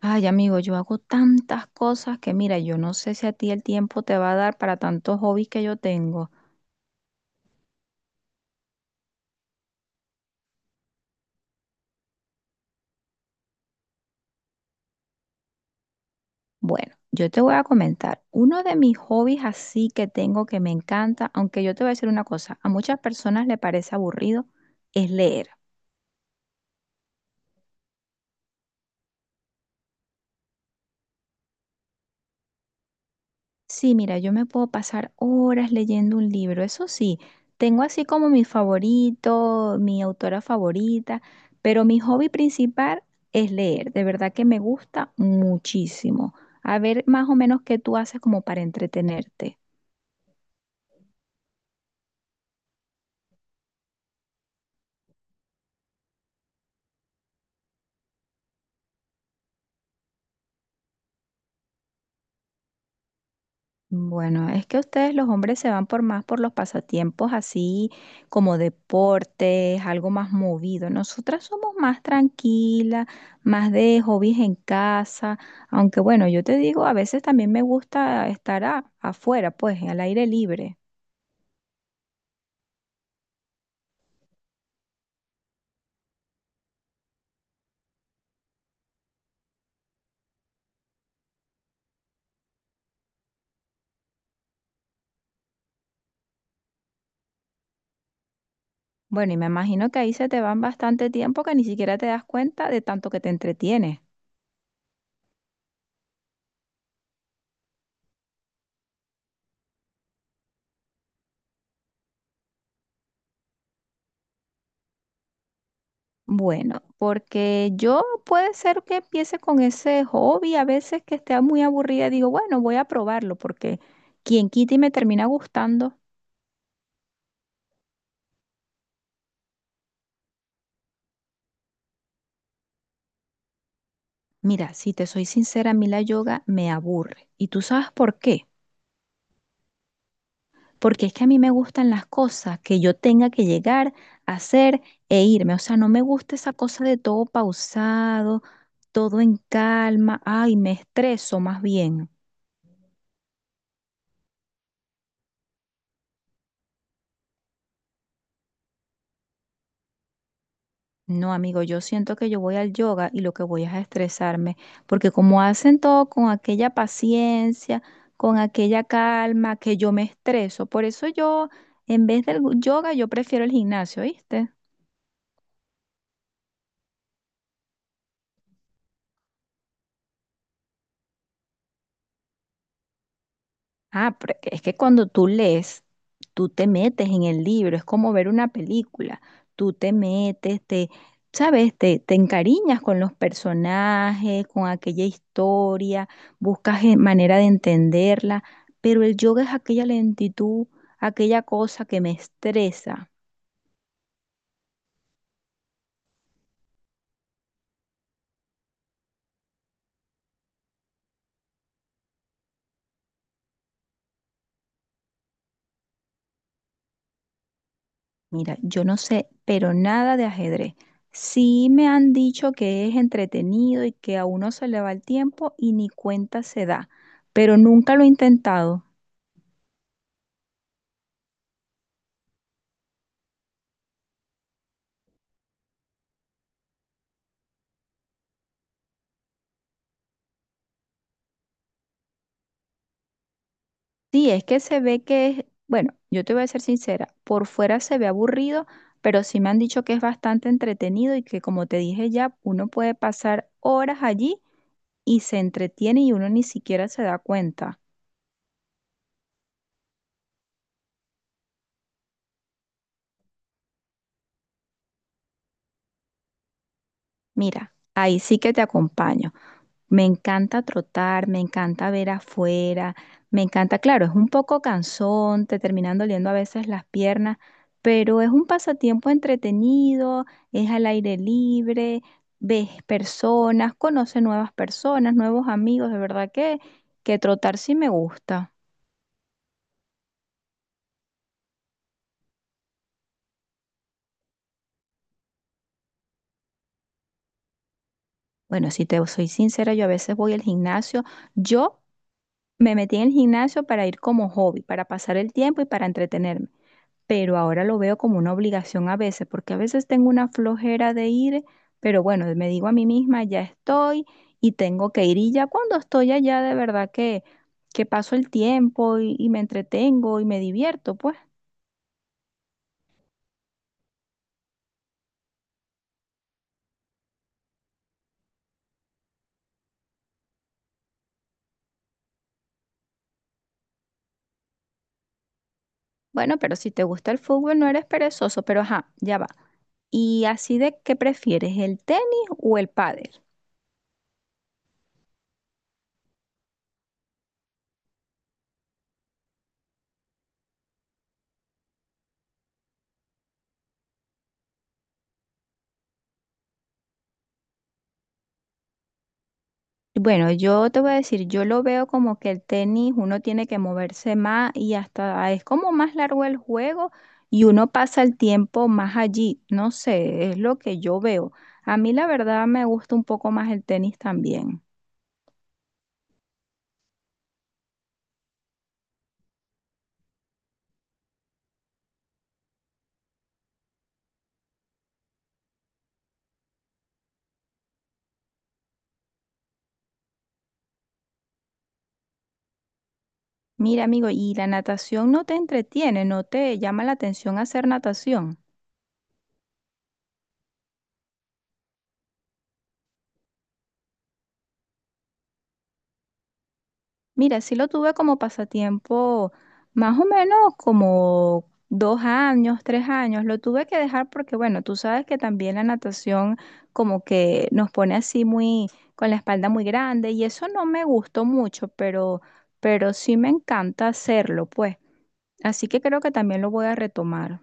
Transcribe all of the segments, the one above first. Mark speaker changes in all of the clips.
Speaker 1: Ay, amigo, yo hago tantas cosas que mira, yo no sé si a ti el tiempo te va a dar para tantos hobbies que yo tengo. Bueno, yo te voy a comentar, uno de mis hobbies así que tengo que me encanta, aunque yo te voy a decir una cosa, a muchas personas le parece aburrido, es leer. Sí, mira, yo me puedo pasar horas leyendo un libro, eso sí, tengo así como mi favorito, mi autora favorita, pero mi hobby principal es leer, de verdad que me gusta muchísimo. A ver más o menos qué tú haces como para entretenerte. Bueno, es que ustedes los hombres se van por más por los pasatiempos así como deportes, algo más movido. Nosotras somos más tranquilas, más de hobbies en casa, aunque bueno, yo te digo, a veces también me gusta estar afuera, pues, al aire libre. Bueno, y me imagino que ahí se te van bastante tiempo que ni siquiera te das cuenta de tanto que te entretienes. Bueno, porque yo puede ser que empiece con ese hobby, a veces que esté muy aburrida, digo, bueno, voy a probarlo, porque quien quita y me termina gustando. Mira, si te soy sincera, a mí la yoga me aburre. ¿Y tú sabes por qué? Porque es que a mí me gustan las cosas que yo tenga que llegar, hacer e irme. O sea, no me gusta esa cosa de todo pausado, todo en calma. Ay, me estreso más bien. No, amigo, yo siento que yo voy al yoga y lo que voy es a estresarme, porque como hacen todo con aquella paciencia, con aquella calma, que yo me estreso. Por eso yo, en vez del yoga, yo prefiero el gimnasio, ¿viste? Ah, pero es que cuando tú lees, tú te metes en el libro, es como ver una película, tú te metes, te, sabes, te encariñas con los personajes, con aquella historia, buscas manera de entenderla, pero el yoga es aquella lentitud, aquella cosa que me estresa. Mira, yo no sé, pero nada de ajedrez. Sí me han dicho que es entretenido y que a uno se le va el tiempo y ni cuenta se da, pero nunca lo he intentado. Sí, es que se ve que es, bueno, yo te voy a ser sincera, por fuera se ve aburrido, pero sí me han dicho que es bastante entretenido y que como te dije ya, uno puede pasar horas allí y se entretiene y uno ni siquiera se da cuenta. Mira, ahí sí que te acompaño. Me encanta trotar, me encanta ver afuera, me encanta, claro, es un poco cansón, te terminan doliendo a veces las piernas, pero es un pasatiempo entretenido, es al aire libre, ves personas, conoces nuevas personas, nuevos amigos, de verdad que trotar sí me gusta. Bueno, si te soy sincera, yo a veces voy al gimnasio, yo me metí en el gimnasio para ir como hobby, para pasar el tiempo y para entretenerme. Pero ahora lo veo como una obligación a veces, porque a veces tengo una flojera de ir, pero bueno, me digo a mí misma, ya estoy y tengo que ir. Y ya cuando estoy allá, de verdad que paso el tiempo y me entretengo y me divierto, pues. Bueno, pero si te gusta el fútbol, no eres perezoso, pero ajá, ya va. ¿Y así de qué prefieres, el tenis o el pádel? Bueno, yo te voy a decir, yo lo veo como que el tenis uno tiene que moverse más y hasta es como más largo el juego y uno pasa el tiempo más allí. No sé, es lo que yo veo. A mí la verdad me gusta un poco más el tenis también. Mira, amigo, ¿y la natación no te entretiene, no te llama la atención hacer natación? Mira, sí lo tuve como pasatiempo más o menos como 2 años, 3 años. Lo tuve que dejar porque, bueno, tú sabes que también la natación como que nos pone así muy, con la espalda muy grande y eso no me gustó mucho, pero sí me encanta hacerlo, pues. Así que creo que también lo voy a retomar.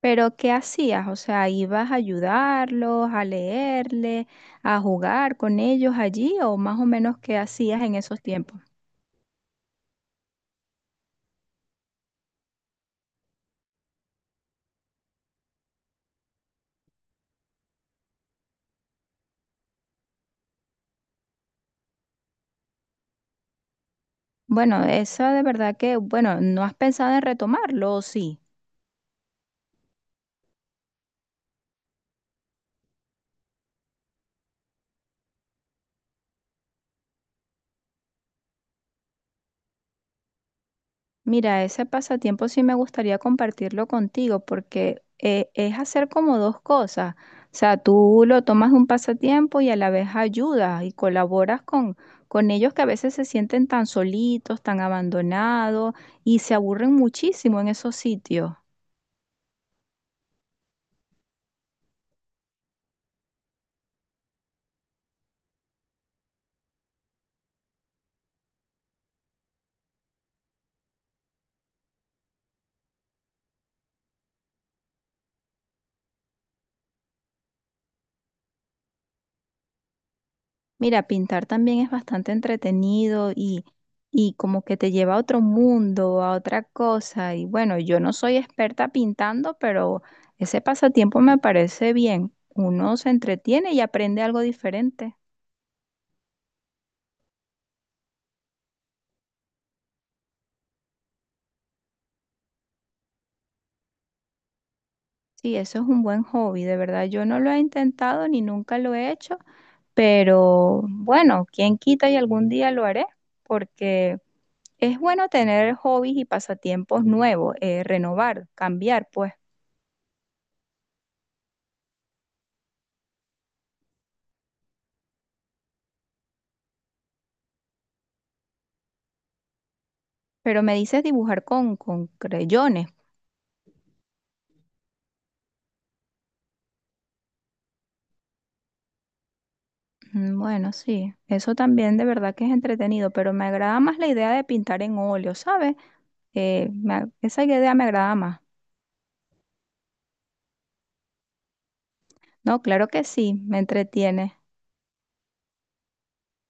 Speaker 1: Pero, ¿qué hacías? O sea, ¿ibas a ayudarlos, a leerle, a jugar con ellos allí o más o menos qué hacías en esos tiempos? Bueno, esa de verdad que, bueno, ¿no has pensado en retomarlo o sí? Mira, ese pasatiempo sí me gustaría compartirlo contigo porque es hacer como dos cosas. O sea, tú lo tomas de un pasatiempo y a la vez ayudas y colaboras con ellos que a veces se sienten tan solitos, tan abandonados y se aburren muchísimo en esos sitios. Mira, pintar también es bastante entretenido y como que te lleva a otro mundo, a otra cosa. Y bueno, yo no soy experta pintando, pero ese pasatiempo me parece bien. Uno se entretiene y aprende algo diferente. Sí, eso es un buen hobby, de verdad. Yo no lo he intentado ni nunca lo he hecho, pero bueno, quién quita y algún día lo haré, porque es bueno tener hobbies y pasatiempos nuevos, renovar, cambiar, pues. Pero me dices dibujar con creyones. Mm, bueno, sí, eso también de verdad que es entretenido, pero me agrada más la idea de pintar en óleo, ¿sabes? Esa idea me agrada más. No, claro que sí, me entretiene.